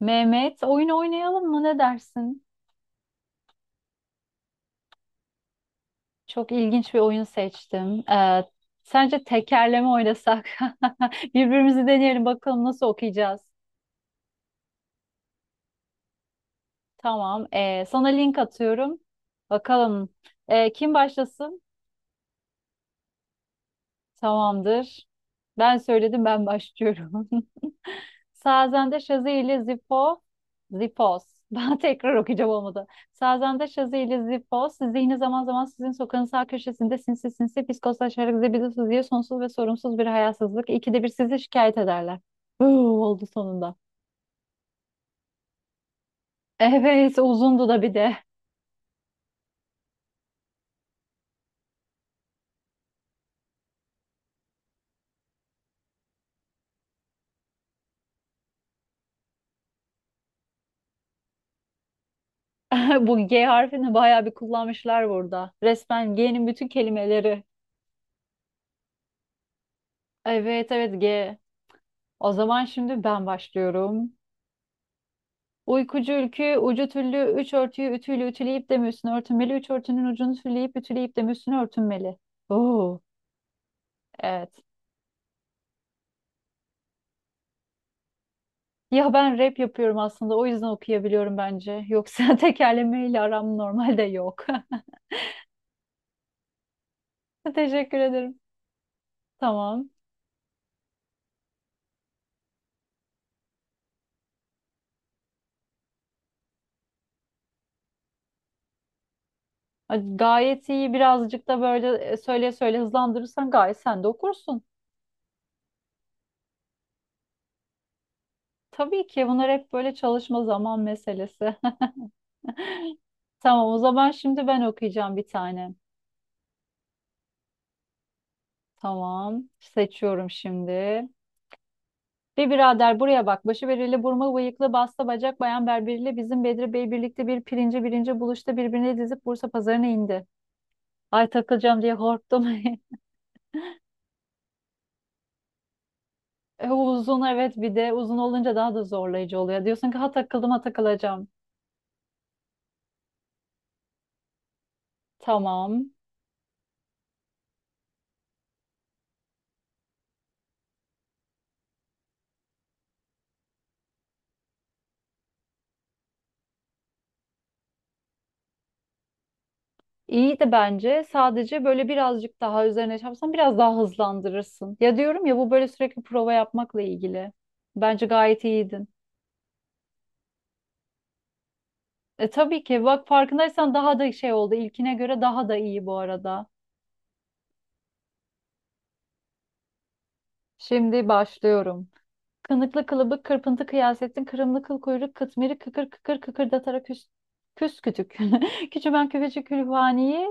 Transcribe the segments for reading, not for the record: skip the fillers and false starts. Mehmet, oyun oynayalım mı? Ne dersin? Çok ilginç bir oyun seçtim. Sence tekerleme oynasak? Birbirimizi deneyelim bakalım nasıl okuyacağız. Tamam. Sana link atıyorum. Bakalım. Kim başlasın? Tamamdır. Ben söyledim ben başlıyorum. Sazende Şazi ile Zifo, Zifos. Ben tekrar okuyacağım olmadı. Sazende Şazi ile Zifos, zihni zaman zaman sizin sokağın sağ köşesinde sinsi sinsi fiskoslaşarak zibidisiz diye sonsuz ve sorumsuz bir hayasızlık. İkide bir sizi şikayet ederler. Uuu, oldu sonunda. Evet, uzundu da bir de. Bu G harfini bayağı bir kullanmışlar burada. Resmen G'nin bütün kelimeleri. Evet, evet G. O zaman şimdi ben başlıyorum. Uykucu ülkü ucu tüllü üç örtüyü ütüyle ütüleyip de mi üstüne örtünmeli? Üç örtünün ucunu tülleyip ütüleyip de mi üstüne örtünmeli? Oo, evet. Ya ben rap yapıyorum aslında o yüzden okuyabiliyorum bence. Yoksa tekerlemeyle aram normalde yok. Teşekkür ederim. Tamam. Gayet iyi birazcık da böyle söyle söyle hızlandırırsan gayet sen de okursun. Tabii ki bunlar hep böyle çalışma zaman meselesi. Tamam o zaman şimdi ben okuyacağım bir tane. Tamam. Seçiyorum şimdi. Bir birader buraya bak. Başı bereli, burma bıyıklı, basta bacak, bayan berberiyle bizim Bedri Bey birlikte bir pirinci birinci buluşta birbirine dizip Bursa pazarına indi. Ay takılacağım diye korktum. Uzun evet bir de uzun olunca daha da zorlayıcı oluyor. Diyorsun ki ha takıldım ha takılacağım. Tamam. İyi de bence sadece böyle birazcık daha üzerine çarpsan biraz daha hızlandırırsın. Ya diyorum ya bu böyle sürekli prova yapmakla ilgili. Bence gayet iyiydin. Tabii ki. Bak farkındaysan daha da şey oldu. İlkine göre daha da iyi bu arada. Şimdi başlıyorum. Kınıklı kılıbık kırpıntı kıyasettin. Kırımlı kıl kuyruk kıtmiri kıkır kıkır kıkırdatarak küs, küs kütük. Küçümen küfeci külhaniyi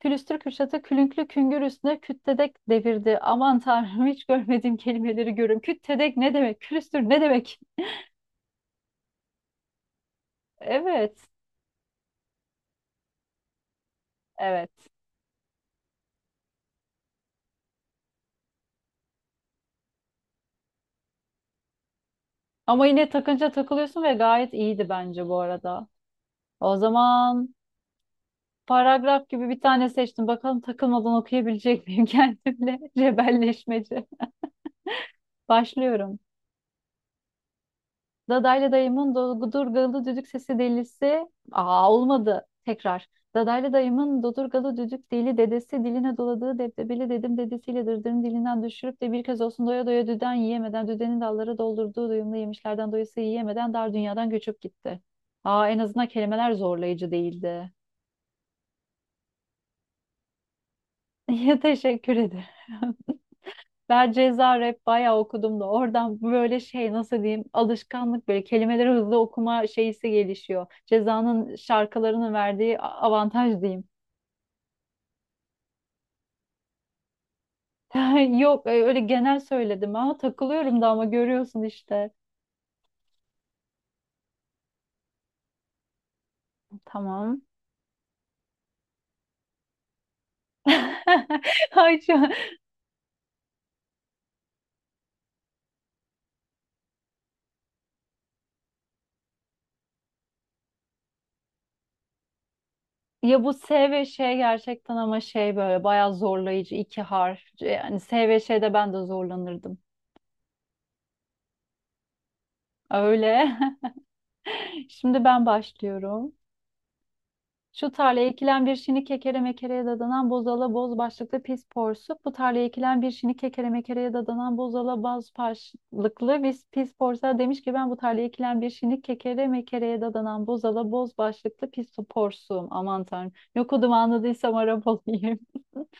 külüstür kürşatı külünklü küngür üstüne küttedek devirdi. Aman tanrım hiç görmediğim kelimeleri görüyorum. Küttedek ne demek? Külüstür ne demek? Evet. Evet. Ama yine takınca takılıyorsun ve gayet iyiydi bence bu arada. O zaman paragraf gibi bir tane seçtim. Bakalım takılmadan okuyabilecek miyim kendimle? Cebelleşmece. Başlıyorum. Dadaylı dayımın dodurgalı düdük sesi delisi. Aa olmadı. Tekrar. Dadaylı dayımın dodurgalı düdük deli dedesi diline doladığı debdebeli dedim dedesiyle dırdırın dilinden düşürüp de bir kez olsun doya doya düden yiyemeden düdenin dalları doldurduğu doyumlu yemişlerden doyası yiyemeden dar dünyadan göçüp gitti. Aa en azından kelimeler zorlayıcı değildi. Ya, teşekkür ederim. Ben ceza rap bayağı okudum da oradan böyle şey nasıl diyeyim alışkanlık böyle kelimeleri hızlı okuma şeysi gelişiyor. Cezanın şarkılarının verdiği avantaj diyeyim. Yok öyle genel söyledim ama takılıyorum da ama görüyorsun işte. Tamam. Ay şu Ya bu S ve Ş gerçekten ama şey böyle bayağı zorlayıcı iki harf. Yani S ve Ş'de ben de zorlanırdım. Öyle. Şimdi ben başlıyorum. Şu tarlaya ekilen bir şini kekere mekereye dadanan bozala boz başlıklı pis porsuk. Bu tarlaya ekilen bir şini kekere mekereye dadanan bozala boz başlıklı biz pis porsuğa demiş ki ben bu tarlaya ekilen bir şini kekere mekereye dadanan bozala boz başlıklı pis porsuğum. Aman tanrım. Yok odum anladıysam Arap olayım.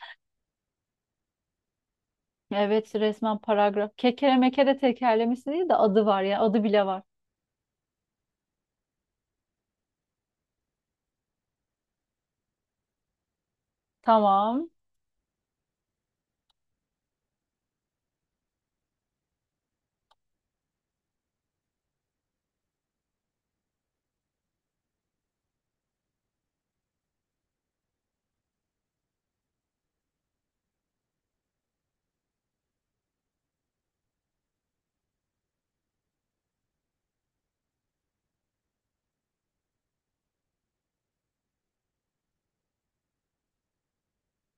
Evet resmen paragraf. Kekere mekere tekerlemesi değil de adı var ya. Adı bile var. Tamam.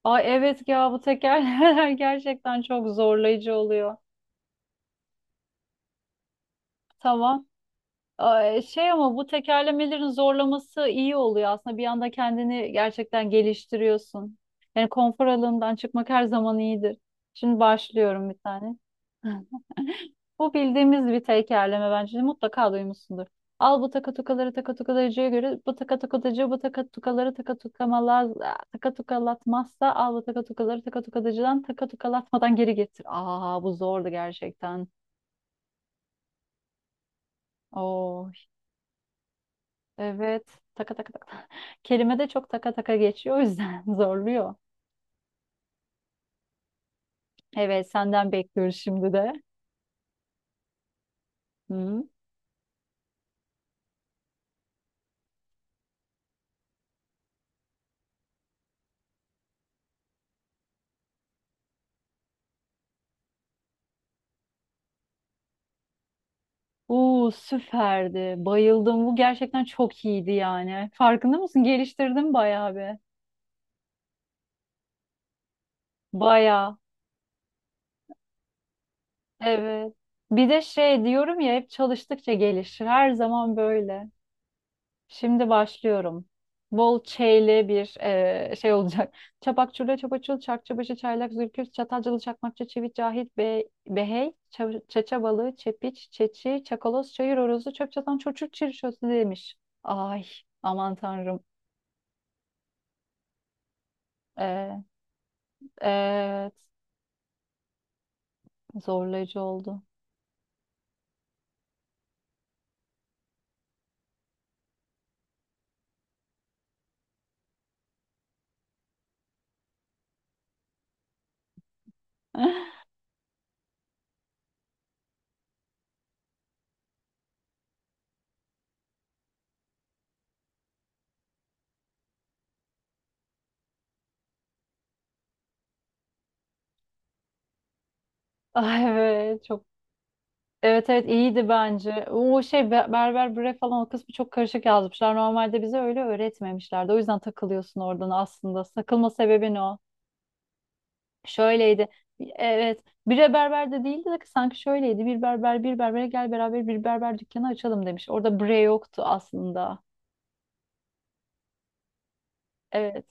Ay evet ya bu tekerlemeler gerçekten çok zorlayıcı oluyor. Tamam. Ay, şey ama bu tekerlemelerin zorlaması iyi oluyor aslında. Bir anda kendini gerçekten geliştiriyorsun. Yani konfor alanından çıkmak her zaman iyidir. Şimdi başlıyorum bir tane. Bu bildiğimiz bir tekerleme bence. Mutlaka duymuşsundur. Al bu takatukaları takatukalarıcıya göre bu takatukatıcı bu takatukaları takatukamalaz takatukalatmazsa al bu takatukaları takatukatıcıdan takatukalatmadan geri getir. Aa bu zordu gerçekten. Oo. Evet. Taka taka taka. Kelime de çok taka taka geçiyor o yüzden zorluyor. Evet senden bekliyoruz şimdi de. Hı. Uuu süperdi. Bayıldım. Bu gerçekten çok iyiydi yani. Farkında mısın? Geliştirdim bayağı bir. Bayağı. Evet. Bir de şey diyorum ya hep çalıştıkça gelişir. Her zaman böyle. Şimdi başlıyorum. Bol çeyli bir şey olacak. Çapak çurla çapaçul çakçıbaşı çaylak zülküf çatalcılı çakmakçı çivit cahit be, behey çaça balığı çepiç çeçi çakaloz çayır horozu çöp çatan çocuk çirşosu demiş. Ay aman tanrım. Ee, evet zorlayıcı oldu. Ay evet çok evet evet iyiydi bence. O şey berber bre falan o kısmı çok karışık yazmışlar. Normalde bize öyle öğretmemişlerdi. O yüzden takılıyorsun oradan aslında. Takılma sebebin o. Şöyleydi. Evet, bir berber de değildi de sanki şöyleydi. Bir berber bir berbere gel beraber bir berber dükkanı açalım demiş. Orada bre yoktu aslında. Evet.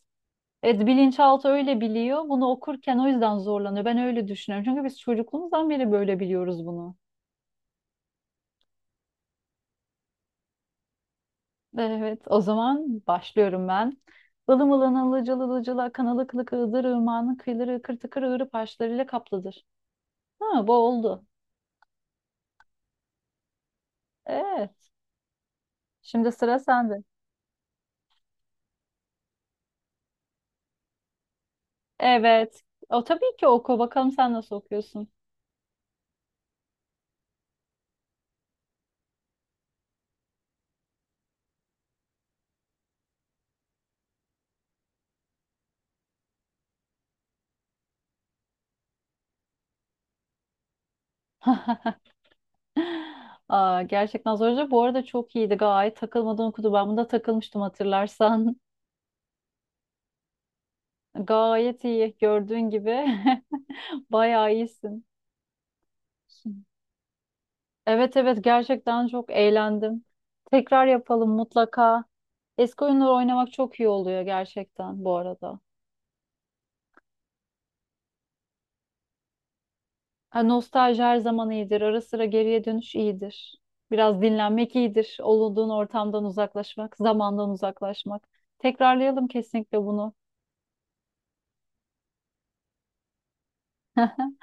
Evet bilinçaltı öyle biliyor. Bunu okurken o yüzden zorlanıyor. Ben öyle düşünüyorum. Çünkü biz çocukluğumuzdan beri böyle biliyoruz bunu. Evet, o zaman başlıyorum ben. Ilım ılın ılıcıl ılıcıl akan ılık ılık ığdır ırmağının kıyıları ıkır tıkır ığırıp harçlarıyla kaplıdır. Ha, bu oldu. Evet, şimdi sıra sende. Evet, o tabii ki oku. Bakalım sen nasıl okuyorsun. Aa, gerçekten zorca. Bu arada çok iyiydi. Gayet takılmadan okudu. Ben bunda takılmıştım hatırlarsan. Gayet iyi. Gördüğün gibi bayağı iyisin. Evet evet gerçekten çok eğlendim. Tekrar yapalım mutlaka. Eski oyunları oynamak çok iyi oluyor gerçekten bu arada. Ha, nostalji her zaman iyidir. Ara sıra geriye dönüş iyidir. Biraz dinlenmek iyidir. Olduğun ortamdan uzaklaşmak, zamandan uzaklaşmak. Tekrarlayalım kesinlikle bunu.